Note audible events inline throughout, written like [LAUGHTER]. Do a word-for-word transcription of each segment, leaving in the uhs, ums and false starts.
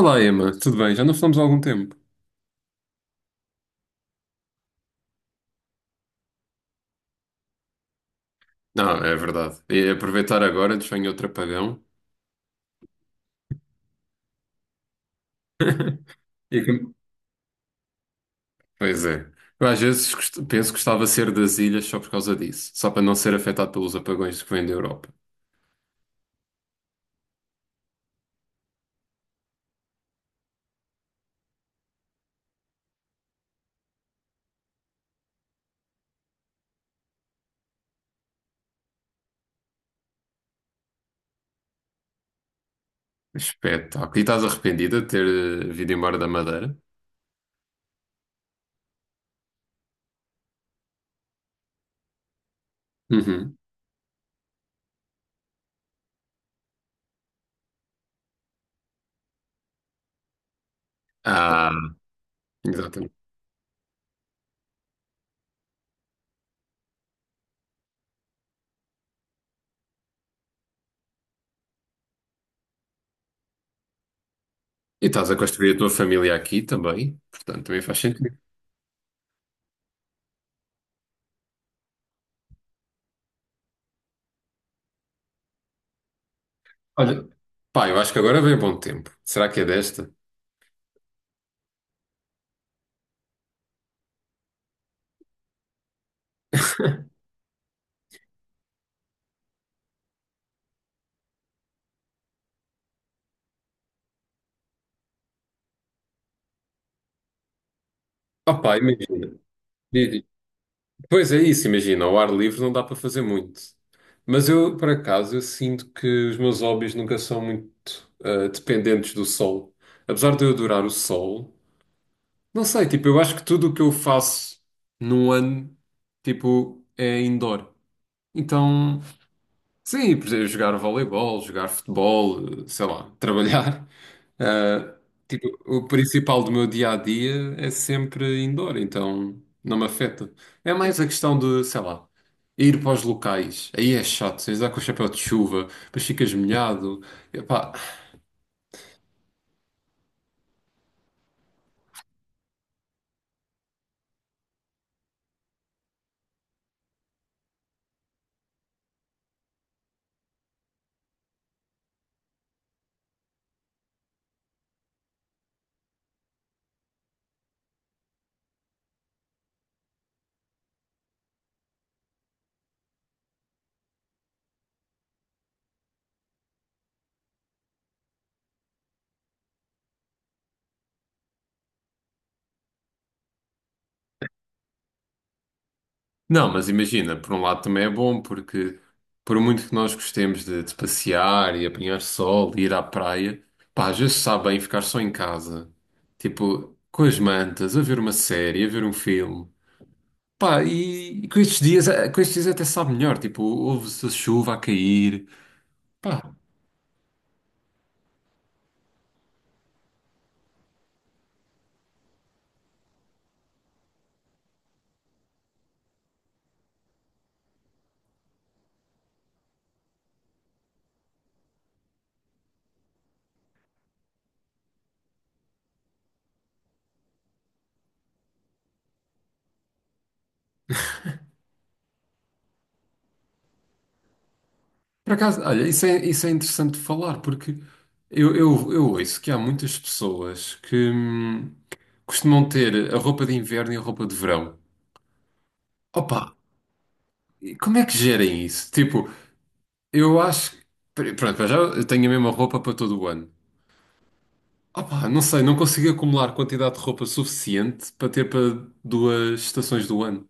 Olá, Emma, tudo bem? Já não falamos há algum tempo. Não, é verdade. E aproveitar agora, desvenho outro apagão. [LAUGHS] E que- Pois é. Eu às vezes gost- penso que gostava de ser das ilhas só por causa disso, só para não ser afetado pelos apagões que vêm da Europa. Espetáculo. E estás arrependida de ter eh, vindo embora da Madeira? Uhum. Ah, exatamente. E estás a construir a tua família aqui também, portanto também faz sentido. Olha, pá, eu acho que agora vem bom tempo. Será que é desta? [LAUGHS] Oh, pá, imagina. Pois é isso, imagina, ao ar livre não dá para fazer muito. Mas eu, por acaso, eu sinto que os meus hobbies nunca são muito ah, dependentes do sol. Apesar de eu adorar o sol, não sei, tipo, eu acho que tudo o que eu faço num ano, tipo, é indoor. Então, sim, por exemplo, jogar voleibol, jogar futebol, eh, sei lá, trabalhar. Ah, tipo, o principal do meu dia a dia é sempre indoor, então não me afeta. É mais a questão de, sei lá, ir para os locais. Aí é chato, tens de andar com o chapéu de chuva, depois ficas molhado. Epá. Não, mas imagina, por um lado também é bom, porque por muito que nós gostemos de, de passear e apanhar sol e ir à praia, pá, às vezes sabe bem ficar só em casa, tipo, com as mantas, a ver uma série, a ver um filme. Pá, e, e com estes dias, eh, com estes dias até sabe melhor, tipo, ouve-se a chuva a cair. Pá, por acaso, olha, isso é, isso é interessante de falar, porque eu, eu, eu ouço que há muitas pessoas que hum, costumam ter a roupa de inverno e a roupa de verão. Opa, e como é que gerem isso? Tipo, eu acho que, pr- pronto, para já eu tenho a mesma roupa para todo o ano. Opa, não sei, não consigo acumular quantidade de roupa suficiente para ter para duas estações do ano.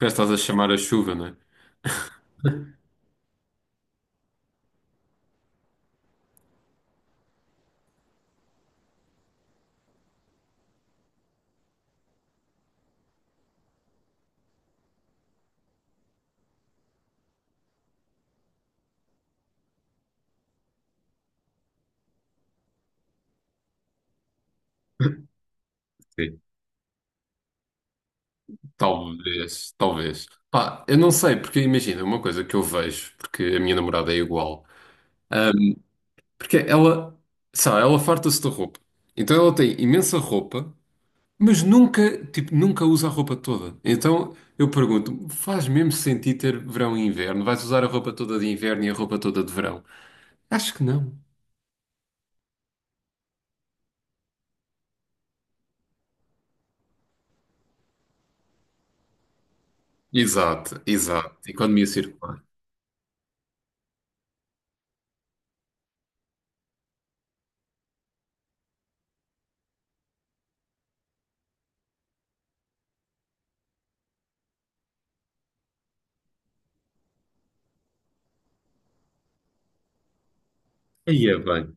Já estás a chamar a chuva, não é? Sim. Talvez, talvez. Pá, eu não sei, porque imagina, uma coisa que eu vejo, porque a minha namorada é igual, ahm, porque ela, sabe, ela farta-se de roupa. Então ela tem imensa roupa, mas nunca, tipo, nunca usa a roupa toda. Então eu pergunto, faz mesmo sentido ter verão e inverno? Vais usar a roupa toda de inverno e a roupa toda de verão? Acho que não. Exato, exato. Economia circular. Aí é bem.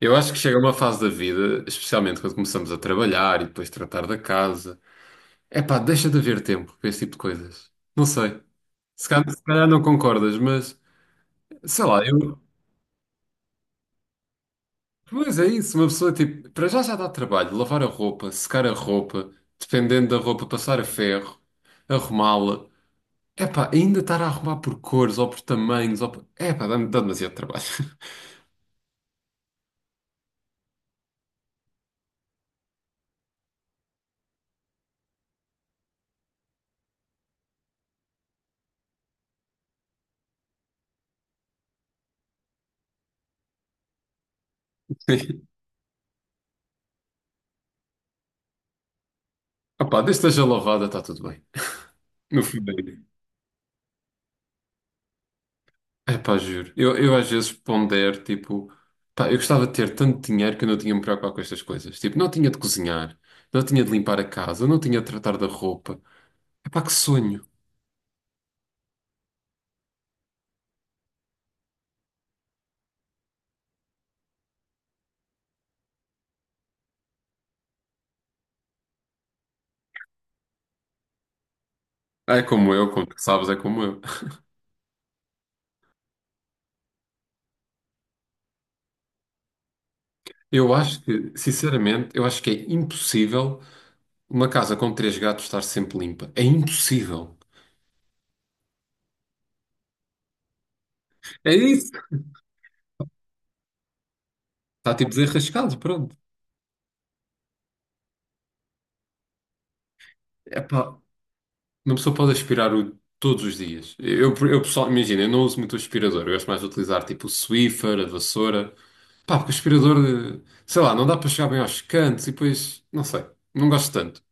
Eu acho que chega uma fase da vida, especialmente quando começamos a trabalhar e depois tratar da casa. É pá, deixa de haver tempo para esse tipo de coisas. Não sei. Se calhar, se calhar não concordas, mas sei lá, eu. Pois é isso, uma pessoa tipo. Para já já dá trabalho, lavar a roupa, secar a roupa, dependendo da roupa, passar a ferro, arrumá-la. É pá, ainda estar a arrumar por cores ou por tamanhos. Ou por... É pá, dá, dá demasiado trabalho. [LAUGHS] Ah pá, desde que esteja lavada, está tudo bem. No fim, bem. É pá, juro. Eu, eu às vezes pondero, tipo, pá, eu gostava de ter tanto dinheiro que eu não tinha de me preocupar com estas coisas. Tipo, não tinha de cozinhar, não tinha de limpar a casa, não tinha de tratar da roupa. É pá, que sonho. Ah, é como eu, como tu sabes, é como eu. [LAUGHS] Eu acho que, sinceramente, eu acho que é impossível uma casa com três gatos estar sempre limpa. É impossível. É isso. Está tipo desenrascado, pronto. É pá, uma pessoa pode aspirar o todos os dias. Eu, eu pessoal, imagina, eu não uso muito o aspirador, eu gosto mais de utilizar tipo o Swiffer, a vassoura. Pá, porque o aspirador, eh, sei lá, não dá para chegar bem aos cantos e depois, não sei, não gosto tanto.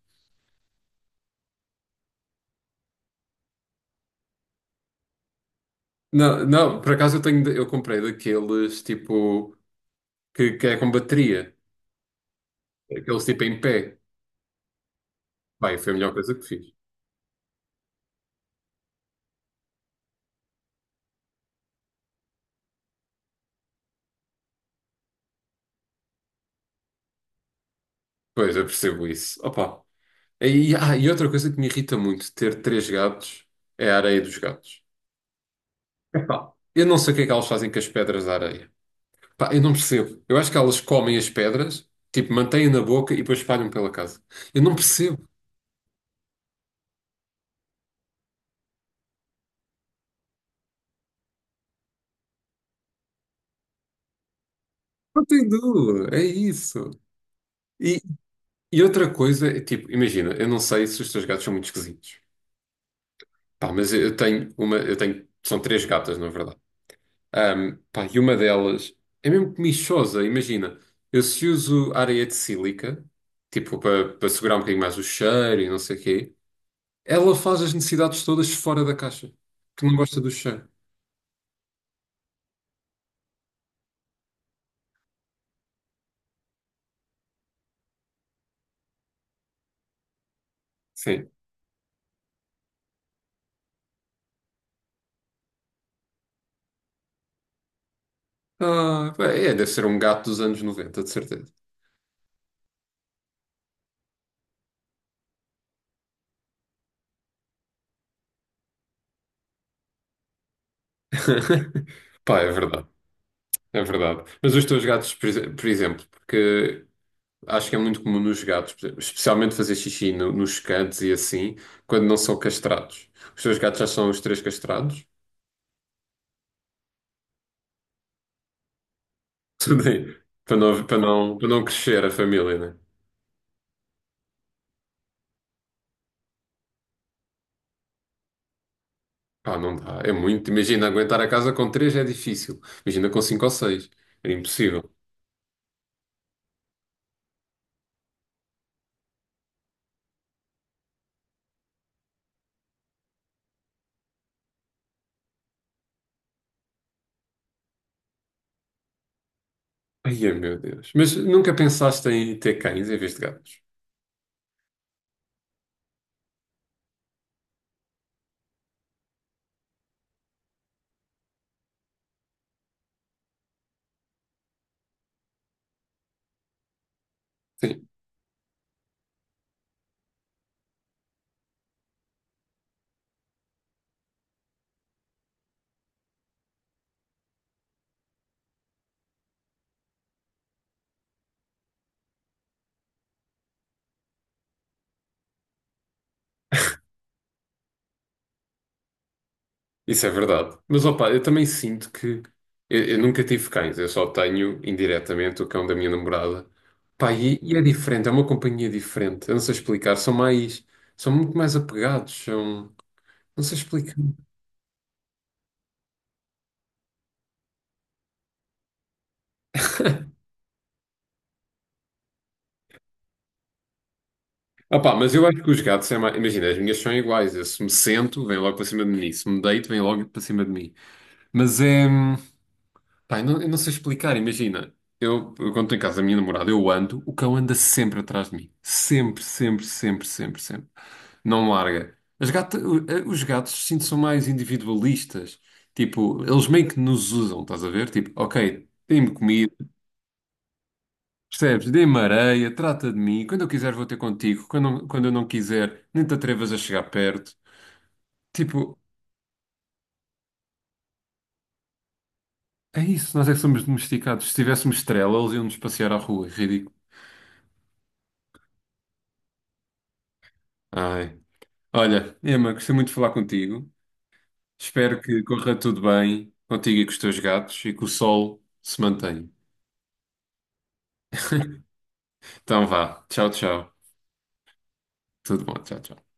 Não, não, por acaso eu tenho, de- eu comprei daqueles tipo que, que é com bateria, aqueles tipo em pé. Bem, foi a melhor coisa que fiz. Pois, eu percebo isso. Opa. E, ah, e outra coisa que me irrita muito de ter três gatos é a areia dos gatos. Epá, eu não sei o que é que elas fazem com as pedras da areia. Pá, eu não percebo. Eu acho que elas comem as pedras, tipo, mantêm na boca e depois espalham pela casa. Eu não percebo. Não tem dúvida, é isso. E, e outra coisa, é tipo, imagina, eu não sei se os teus gatos são muito esquisitos. Pá, mas eu eu tenho uma, eu tenho, são três gatas, na verdade. Ahm, pá, e uma delas é mesmo comichosa, imagina. Eu se uso areia de sílica, tipo, para para segurar um bocadinho mais o cheiro e não sei o quê, ela faz as necessidades todas fora da caixa, que não gosta do cheiro. Sim. Ah, pá, é, deve ser um gato dos anos noventa, de certeza. [LAUGHS] Pá, é verdade. É verdade. Mas os teus gatos, por exe- por exemplo, porque acho que é muito comum nos gatos, por exemplo, especialmente fazer xixi no- nos cantos e assim, quando não são castrados. Os teus gatos já são os três castrados? [LAUGHS] Também. Para não, para não, para não crescer a família, né? Pá, não dá. É muito. Imagina, aguentar a casa com três é difícil. Imagina com cinco ou seis. É impossível. Ai, meu Deus. Mas nunca pensaste em ter cães em vez de gatos? Isso é verdade. Mas opa, eu também sinto que eu, eu nunca tive cães, eu só tenho indiretamente o cão da minha namorada. Pá, e, e é diferente, é uma companhia diferente. Eu não sei explicar, são mais, são muito mais apegados, são, não sei explicar. Opa, mas eu acho que os gatos é mais, imagina, as minhas são iguais. Eu, se me sento, vem logo para cima de mim. Se me deito, vem logo para cima de mim. Mas é, pá, eu não, eu não sei explicar, imagina. Eu, eu quando estou em casa da minha namorada, eu ando, o cão anda sempre atrás de mim. Sempre, sempre, sempre, sempre, sempre. Não larga. As gata- o- eh, os gatos, sinto, são mais individualistas. Tipo, eles meio que nos usam, estás a ver? Tipo, ok, dê-me comida, percebes? Dê-me areia, trata de mim. Quando eu quiser, vou ter contigo. Quando, quando eu não quiser, nem te atrevas a chegar perto. Tipo, é isso, nós é que somos domesticados. Se tivéssemos estrela, eles iam-nos passear à rua. Ridículo. Ai. Olha, Emma, gostei muito de falar contigo. Espero que corra tudo bem contigo e com os teus gatos e que o sol se mantenha. Então vá. Tchau, tchau. Tudo bom, tchau, tchau.